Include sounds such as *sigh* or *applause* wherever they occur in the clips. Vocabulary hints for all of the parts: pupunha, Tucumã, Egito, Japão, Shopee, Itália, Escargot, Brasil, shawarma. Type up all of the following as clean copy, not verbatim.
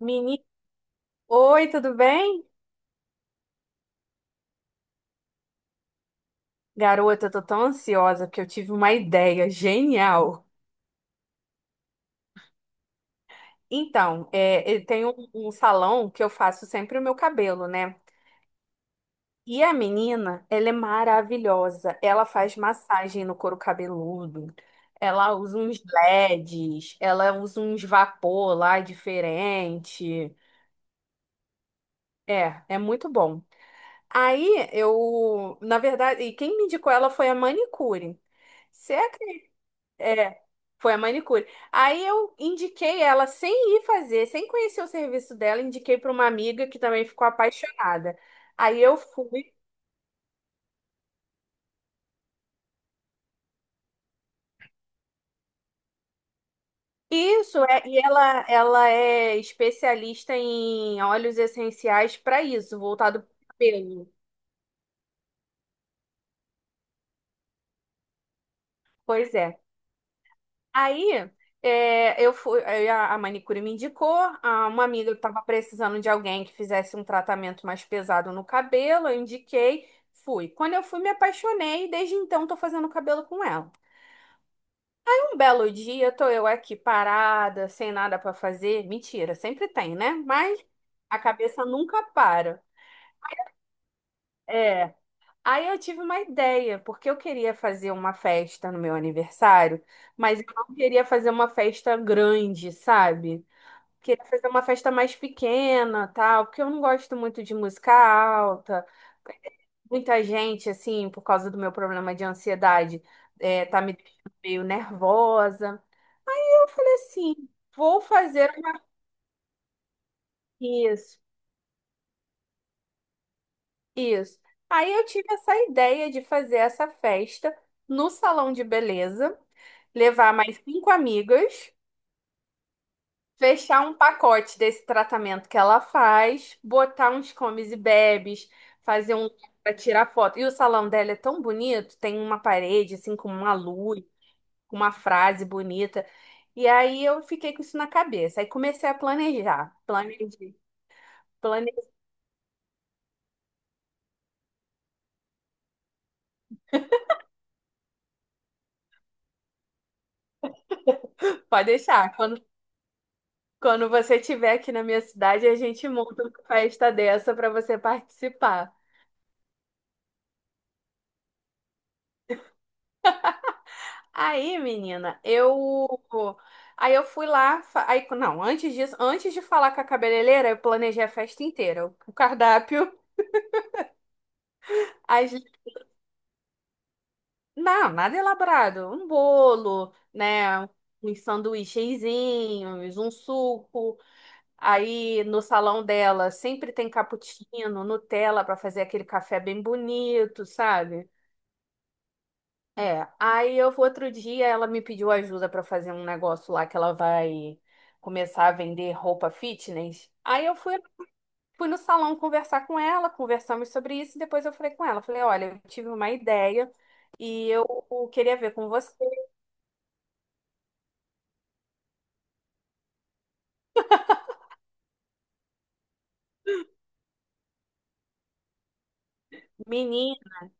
Meni... Oi, tudo bem? Garota, eu tô tão ansiosa porque eu tive uma ideia genial. Então, é, eu tenho um salão que eu faço sempre o meu cabelo, né? E a menina, ela é maravilhosa. Ela faz massagem no couro cabeludo. Ela usa uns LEDs, ela usa uns vapor lá diferente. É muito bom. Aí eu, na verdade, e quem me indicou ela foi a manicure. Você É, foi a manicure. Aí eu indiquei ela sem ir fazer, sem conhecer o serviço dela, indiquei para uma amiga que também ficou apaixonada. Aí eu fui. Isso, é, e ela é especialista em óleos essenciais para isso, voltado para o cabelo. Pois é. Aí é, eu fui, aí a manicure me indicou, uma amiga que estava precisando de alguém que fizesse um tratamento mais pesado no cabelo, eu indiquei, fui. Quando eu fui, me apaixonei e desde então estou fazendo cabelo com ela. Um belo dia, tô eu aqui parada, sem nada para fazer. Mentira, sempre tem, né? Mas a cabeça nunca para. É. Aí eu tive uma ideia, porque eu queria fazer uma festa no meu aniversário, mas eu não queria fazer uma festa grande, sabe? Queria fazer uma festa mais pequena, tal, porque eu não gosto muito de música alta. Muita gente, assim, por causa do meu problema de ansiedade, é, tá me deixando meio nervosa. Eu falei assim, vou fazer uma... Isso, isso. Aí eu tive essa ideia de fazer essa festa no salão de beleza, levar mais cinco amigas. Fechar um pacote desse tratamento que ela faz, botar uns comes e bebes, fazer um para tirar foto. E o salão dela é tão bonito, tem uma parede assim com uma luz, com uma frase bonita. E aí eu fiquei com isso na cabeça. Aí comecei a planejar, planejei, planejei. Pode deixar. Quando você estiver aqui na minha cidade, a gente monta uma festa dessa para você participar. Aí, menina, eu. Aí eu fui lá. Aí, não, antes disso, antes de falar com a cabeleireira, eu planejei a festa inteira. O cardápio, *laughs* as... não, nada elaborado. Um bolo, né? Uns sanduíchezinhos, um suco. Aí no salão dela sempre tem cappuccino, Nutella para fazer aquele café bem bonito, sabe? É, aí eu outro dia ela me pediu ajuda pra fazer um negócio lá que ela vai começar a vender roupa fitness. Aí eu fui, fui no salão conversar com ela, conversamos sobre isso e depois eu falei com ela, falei, olha, eu tive uma ideia e eu queria ver com você. Menina,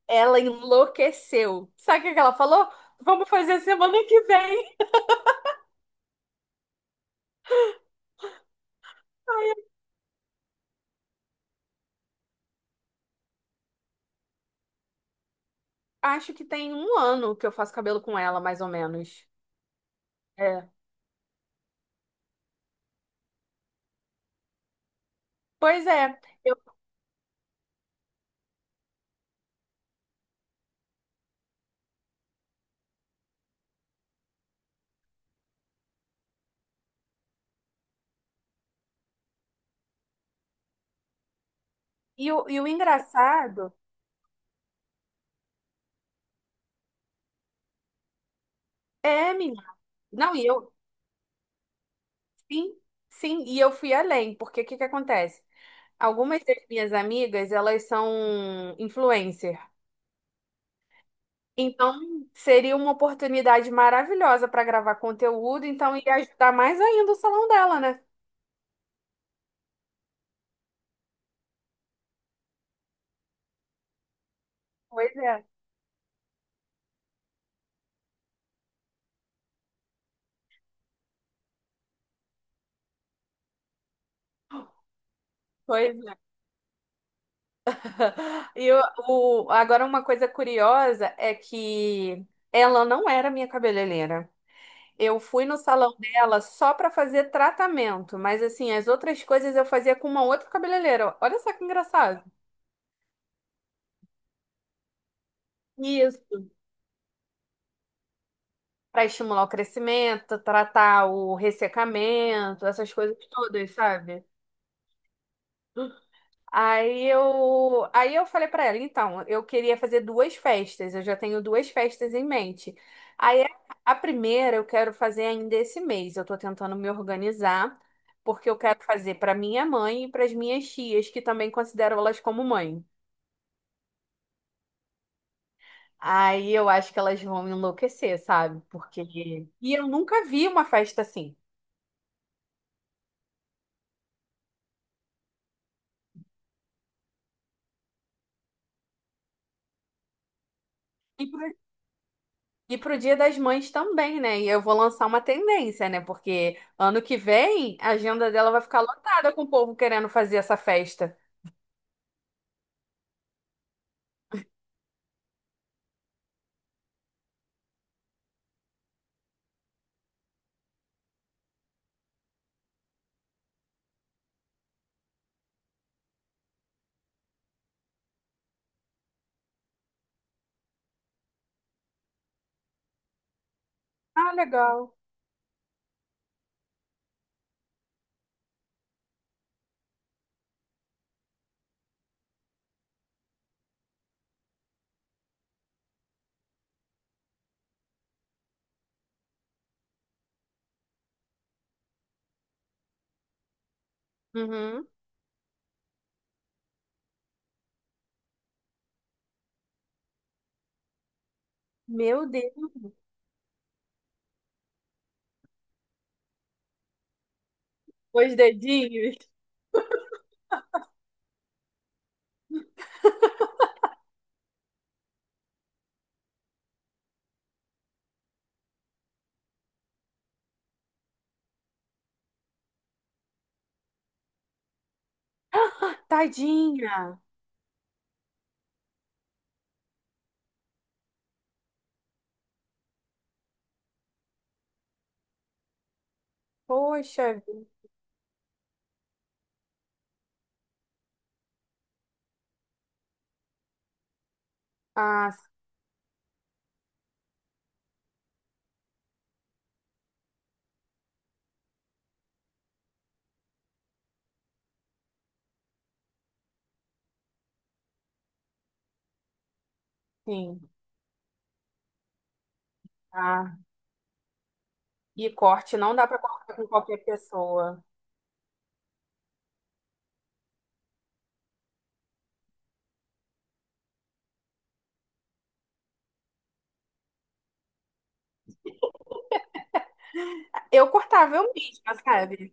ela enlouqueceu. Sabe o que ela falou? Vamos fazer semana que vem. Acho que tem um ano que eu faço cabelo com ela, mais ou menos. É. Pois é. Eu, e o engraçado menina. Não, e eu, sim, sim, e eu fui além, porque o que que acontece? Algumas das minhas amigas, elas são influencer. Então, seria uma oportunidade maravilhosa para gravar conteúdo, então ia ajudar mais ainda o salão dela, né? Pois é, pois é. *laughs* E o, agora uma coisa curiosa é que ela não era minha cabeleireira. Eu fui no salão dela só para fazer tratamento, mas assim, as outras coisas eu fazia com uma outra cabeleireira. Olha só que engraçado. Isso. Para estimular o crescimento, tratar o ressecamento, essas coisas todas, sabe? Aí eu falei pra ela, então, eu queria fazer duas festas, eu já tenho duas festas em mente. Aí a primeira eu quero fazer ainda esse mês, eu tô tentando me organizar, porque eu quero fazer pra minha mãe e pras minhas tias, que também considero elas como mãe. Aí eu acho que elas vão enlouquecer, sabe? Porque e eu nunca vi uma festa assim. E pro Dia das Mães também, né? E eu vou lançar uma tendência, né? Porque ano que vem a agenda dela vai ficar lotada com o povo querendo fazer essa festa. Ah, legal. Uhum. Meu Deus, os dedinhos. Tadinha. Poxa vida. Ah, sim. Ah. E corte, não dá pra cortar com qualquer pessoa. Eu cortava eu mesma, sabe?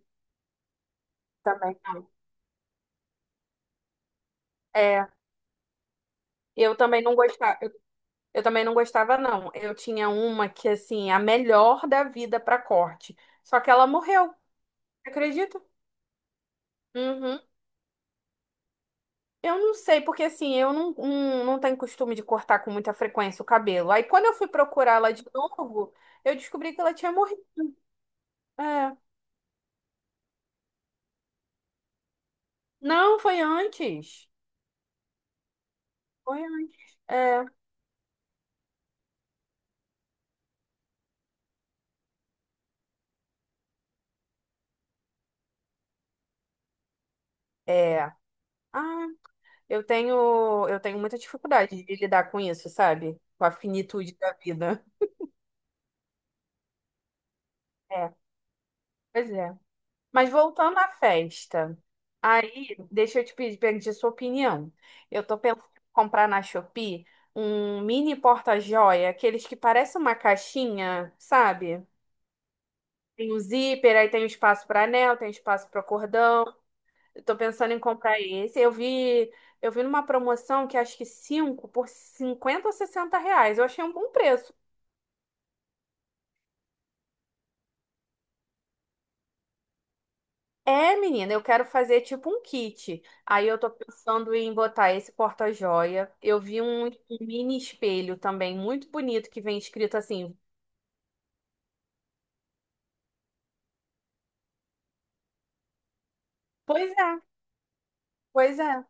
Também não. É, eu também não gostava. Eu também não gostava, não. Eu tinha uma que, assim, a melhor da vida para corte. Só que ela morreu, acredita? Uhum. Eu não sei, porque assim, eu não tenho costume de cortar com muita frequência o cabelo. Aí quando eu fui procurar ela de novo, eu descobri que ela tinha morrido. É. Não, foi antes. Foi antes. É. É. Ah, eu tenho muita dificuldade de lidar com isso, sabe? Com a finitude da vida. É, pois é. Mas voltando à festa, aí deixa eu te pedir, pedir sua opinião. Eu tô pensando em comprar na Shopee um mini porta-joia, aqueles que parecem uma caixinha, sabe? Tem o zíper, aí tem o espaço para anel, tem espaço para cordão. Eu tô pensando em comprar esse. Eu vi numa promoção que acho que 5 por R$ 50 ou R$ 60. Eu achei um bom preço. É, menina, eu quero fazer tipo um kit. Aí eu tô pensando em botar esse porta-joia. Eu vi um mini espelho também, muito bonito, que vem escrito assim. Pois é, pois é.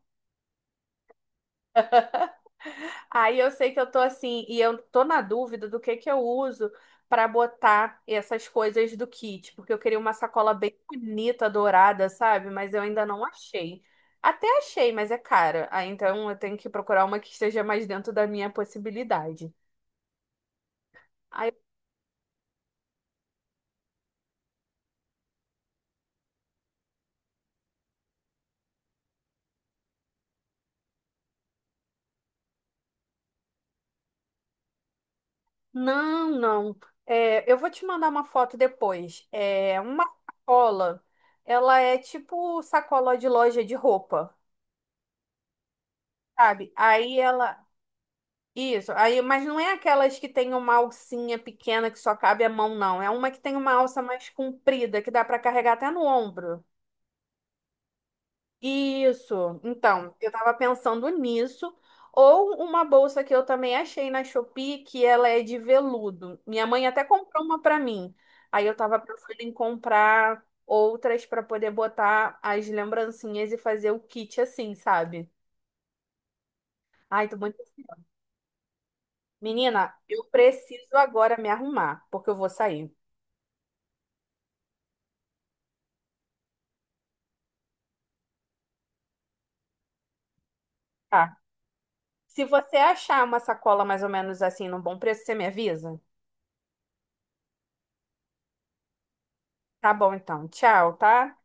Aí eu sei que eu tô assim, e eu tô na dúvida do que eu uso pra botar essas coisas do kit, porque eu queria uma sacola bem bonita, dourada, sabe? Mas eu ainda não achei. Até achei, mas é cara. Aí então eu tenho que procurar uma que esteja mais dentro da minha possibilidade. Aí não, não. É, eu vou te mandar uma foto depois. É uma sacola. Ela é tipo sacola de loja de roupa, sabe? Aí ela. Isso, aí, mas não é aquelas que tem uma alcinha pequena que só cabe a mão, não. É uma que tem uma alça mais comprida, que dá para carregar até no ombro. Isso. Então, eu tava pensando nisso. Ou uma bolsa que eu também achei na Shopee, que ela é de veludo. Minha mãe até comprou uma pra mim. Aí eu tava pensando em comprar outras pra poder botar as lembrancinhas e fazer o kit assim, sabe? Ai, tô muito ansiosa. Menina, eu preciso agora me arrumar, porque eu vou sair. Tá. Se você achar uma sacola mais ou menos assim, num bom preço, você me avisa? Tá bom, então. Tchau, tá?